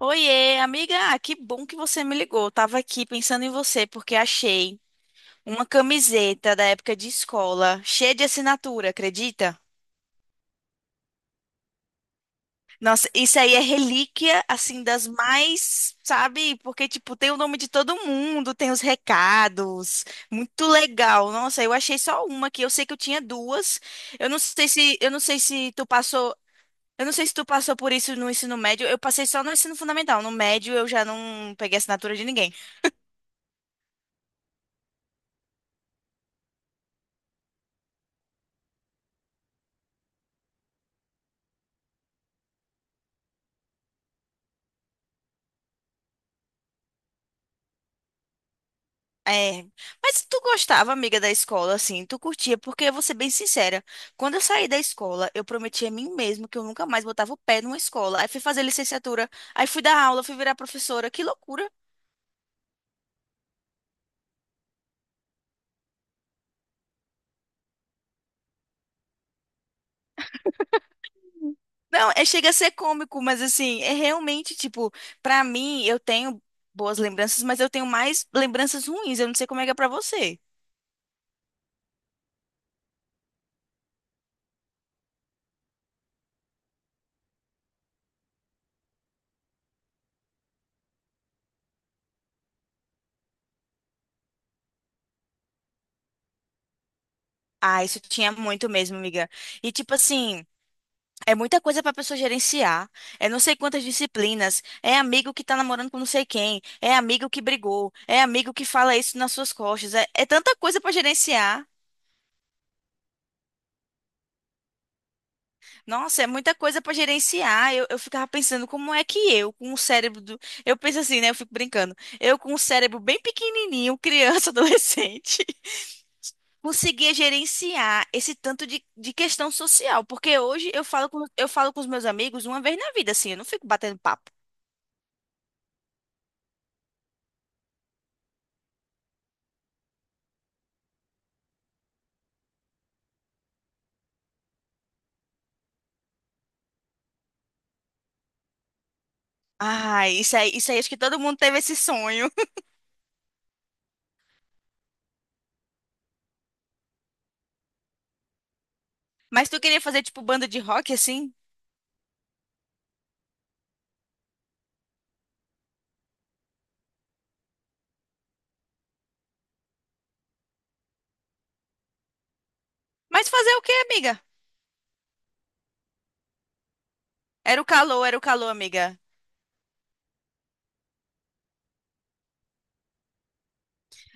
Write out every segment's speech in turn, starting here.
Oiê, amiga. Ah, que bom que você me ligou. Eu tava aqui pensando em você porque achei uma camiseta da época de escola, cheia de assinatura, acredita? Nossa, isso aí é relíquia, assim, das mais, sabe? Porque, tipo, tem o nome de todo mundo, tem os recados. Muito legal. Nossa, eu achei só uma aqui. Eu sei que eu tinha duas. Eu não sei se, eu não sei se tu passou, eu não sei se tu passou por isso no ensino médio. Eu passei só no ensino fundamental. No médio eu já não peguei assinatura de ninguém. É, mas tu gostava, amiga, da escola, assim, tu curtia, porque eu vou ser bem sincera, quando eu saí da escola, eu prometi a mim mesma que eu nunca mais botava o pé numa escola, aí fui fazer licenciatura, aí fui dar aula, fui virar professora, que loucura. Não, é, chega a ser cômico, mas assim, é realmente, tipo, pra mim, eu tenho boas lembranças, mas eu tenho mais lembranças ruins, eu não sei como é que é pra você. Ah, isso tinha muito mesmo, amiga. E tipo assim, é muita coisa para pessoa gerenciar. É não sei quantas disciplinas. É amigo que tá namorando com não sei quem. É amigo que brigou. É amigo que fala isso nas suas costas. É, é tanta coisa para gerenciar. Nossa, é muita coisa para gerenciar. Eu ficava pensando como é que eu, com o cérebro do... Eu penso assim, né? Eu fico brincando. Eu com o cérebro bem pequenininho, criança, adolescente, conseguia gerenciar esse tanto de questão social. Porque hoje eu falo com os meus amigos uma vez na vida, assim. Eu não fico batendo papo. Ah, isso aí, acho que todo mundo teve esse sonho. Mas tu queria fazer tipo banda de rock assim? Mas fazer o quê, amiga? Era o calor, amiga.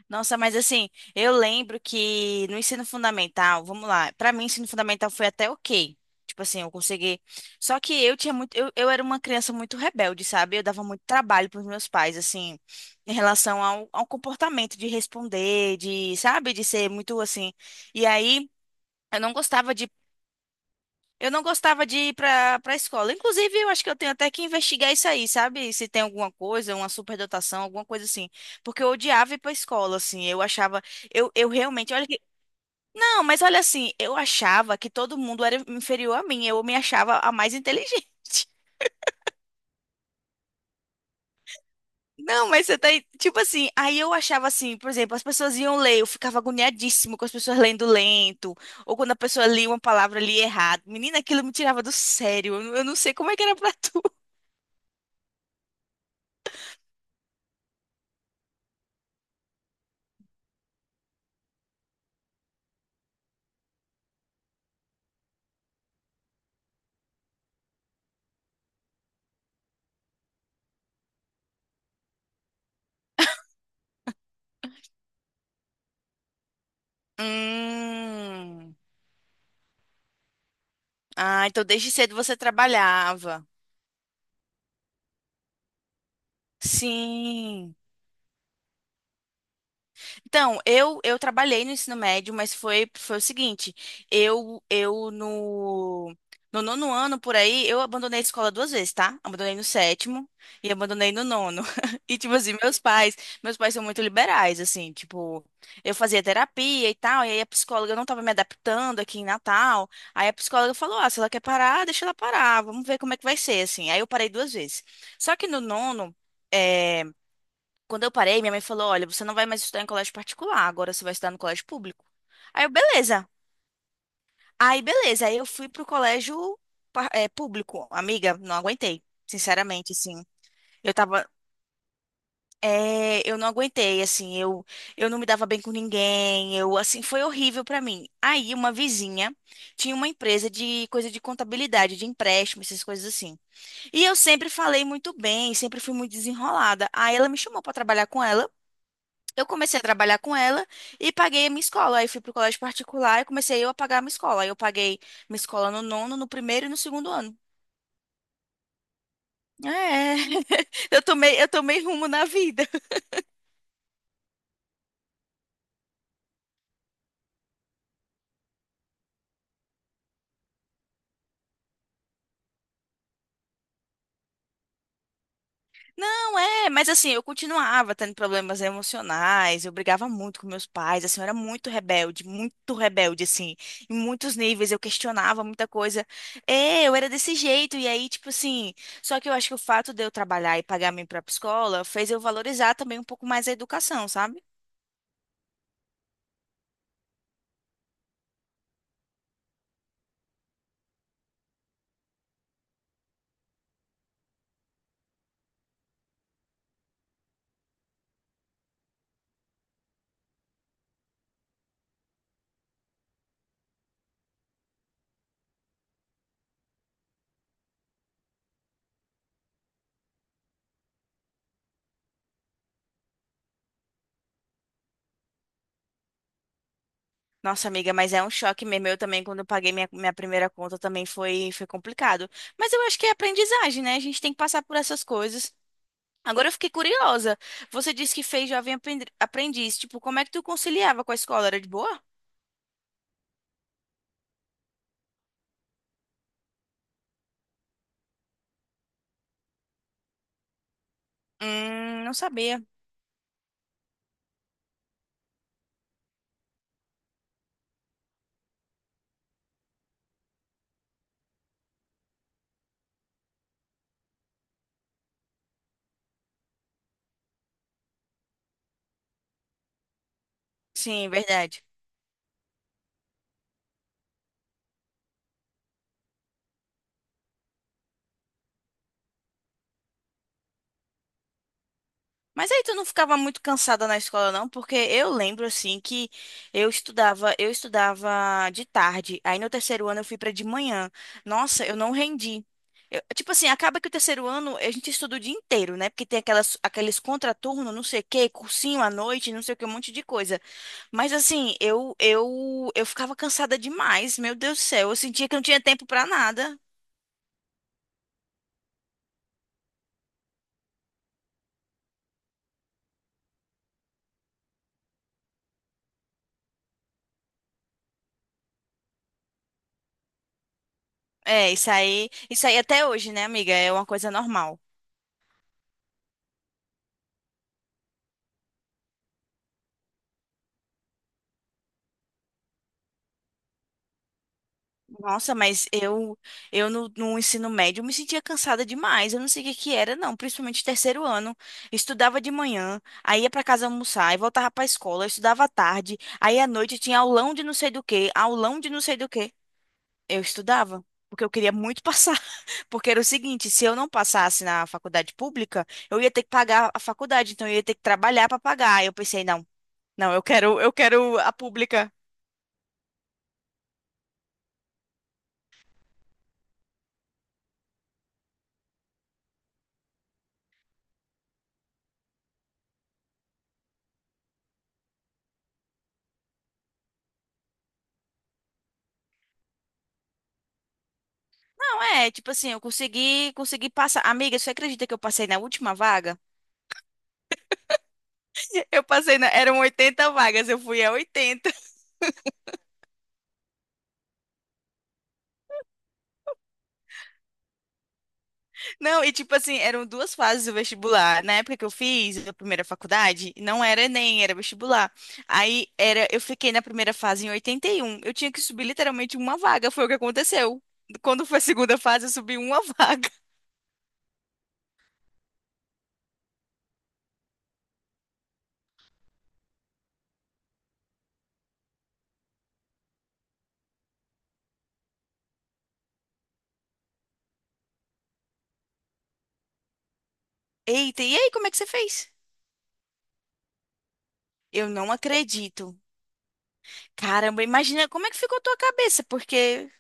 Nossa, mas assim, eu lembro que no ensino fundamental, vamos lá, pra mim ensino fundamental foi até ok. Tipo assim, eu consegui. Só que eu tinha muito, eu era uma criança muito rebelde, sabe? Eu dava muito trabalho pros meus pais, assim, em relação ao comportamento de responder, de, sabe, de ser muito assim. E aí, eu não gostava de eu não gostava de ir para escola. Inclusive, eu acho que eu tenho até que investigar isso aí, sabe? Se tem alguma coisa, uma superdotação, alguma coisa assim. Porque eu odiava ir para escola, assim. Eu achava, eu realmente, olha que não, mas olha assim, eu achava que todo mundo era inferior a mim. Eu me achava a mais inteligente. Não, mas você tá, aí- tipo assim, aí eu achava assim, por exemplo, as pessoas iam ler, eu ficava agoniadíssimo com as pessoas lendo lento, ou quando a pessoa lia uma palavra ali errado. Menina, aquilo me tirava do sério. Não, eu não sei como é que era pra tu. Hum. Ah, então desde cedo você trabalhava. Sim. Então, eu trabalhei no ensino médio, mas foi, foi o seguinte, eu no nono ano, por aí, eu abandonei a escola duas vezes, tá? Abandonei no sétimo e abandonei no nono. E, tipo assim, meus pais são muito liberais, assim, tipo, eu fazia terapia e tal, e aí a psicóloga não tava me adaptando aqui em Natal, aí a psicóloga falou, ah, se ela quer parar, deixa ela parar, vamos ver como é que vai ser, assim. Aí eu parei duas vezes. Só que no nono, eh, quando eu parei, minha mãe falou: Olha, você não vai mais estudar em colégio particular, agora você vai estudar no colégio público. Aí eu, beleza. Aí, beleza. Aí eu fui pro colégio, público. Amiga, não aguentei. Sinceramente, assim. Eu tava. Eu não aguentei, assim. Eu não me dava bem com ninguém. Eu, assim, foi horrível pra mim. Aí, uma vizinha tinha uma empresa de coisa de contabilidade, de empréstimo, essas coisas assim. E eu sempre falei muito bem, sempre fui muito desenrolada. Aí ela me chamou pra trabalhar com ela. Eu comecei a trabalhar com ela e paguei a minha escola. Aí fui pro colégio particular e comecei eu a pagar a minha escola. Aí eu paguei minha escola no nono, no primeiro e no segundo ano. É, eu tomei rumo na vida. Não, é, mas assim, eu continuava tendo problemas emocionais, eu brigava muito com meus pais, assim, eu era muito rebelde, assim, em muitos níveis, eu questionava muita coisa. É, eu era desse jeito, e aí, tipo assim, só que eu acho que o fato de eu trabalhar e pagar minha própria escola fez eu valorizar também um pouco mais a educação, sabe? Nossa, amiga, mas é um choque mesmo. Eu também, quando eu paguei minha, minha primeira conta, também foi, foi complicado. Mas eu acho que é aprendizagem, né? A gente tem que passar por essas coisas. Agora eu fiquei curiosa. Você disse que fez jovem aprendiz. Tipo, como é que tu conciliava com a escola? Era de boa? Não sabia. Sim, verdade. Mas aí tu não ficava muito cansada na escola, não? Porque eu lembro assim que eu estudava de tarde. Aí no terceiro ano eu fui pra de manhã. Nossa, eu não rendi. Eu- tipo assim, acaba que o terceiro ano a gente estuda o dia inteiro, né? Porque tem aquelas, aqueles contraturno, não sei o quê, cursinho à noite, não sei o que, um monte de coisa. Mas assim, eu ficava cansada demais, meu Deus do céu, eu sentia que não tinha tempo pra nada. É, isso aí até hoje, né, amiga? É uma coisa normal. Nossa, mas eu no, no ensino médio eu me sentia cansada demais. Eu não sei o que que era, não, principalmente terceiro ano. Estudava de manhã, aí ia pra casa almoçar, aí voltava pra escola, eu estudava à tarde, aí à noite tinha aulão de não sei do que aulão de não sei do que eu estudava, porque eu queria muito passar. Porque era o seguinte, se eu não passasse na faculdade pública, eu ia ter que pagar a faculdade, então eu ia ter que trabalhar para pagar. Aí eu pensei, não, não, eu quero a pública. Não, é, tipo assim, eu consegui passar. Amiga, você acredita que eu passei na última vaga? Eu passei na, eram 80 vagas, eu fui a 80. Não, e tipo assim, eram duas fases do vestibular. Na época que eu fiz a primeira faculdade, não era Enem, era vestibular. Aí era, eu fiquei na primeira fase em 81. Eu tinha que subir literalmente uma vaga, foi o que aconteceu. Quando foi a segunda fase, eu subi uma vaga. Eita, e aí, como é que você fez? Eu não acredito. Caramba, imagina como é que ficou a tua cabeça, porque.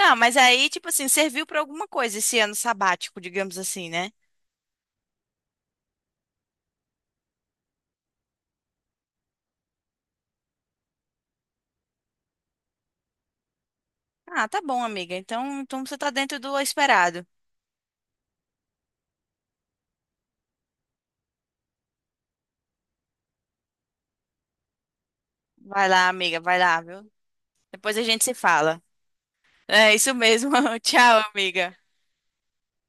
Ah, mas aí, tipo assim, serviu pra alguma coisa esse ano sabático, digamos assim, né? Ah, tá bom, amiga. Então, então você tá dentro do esperado. Vai lá, amiga, vai lá, viu? Depois a gente se fala. É isso mesmo. Tchau, amiga.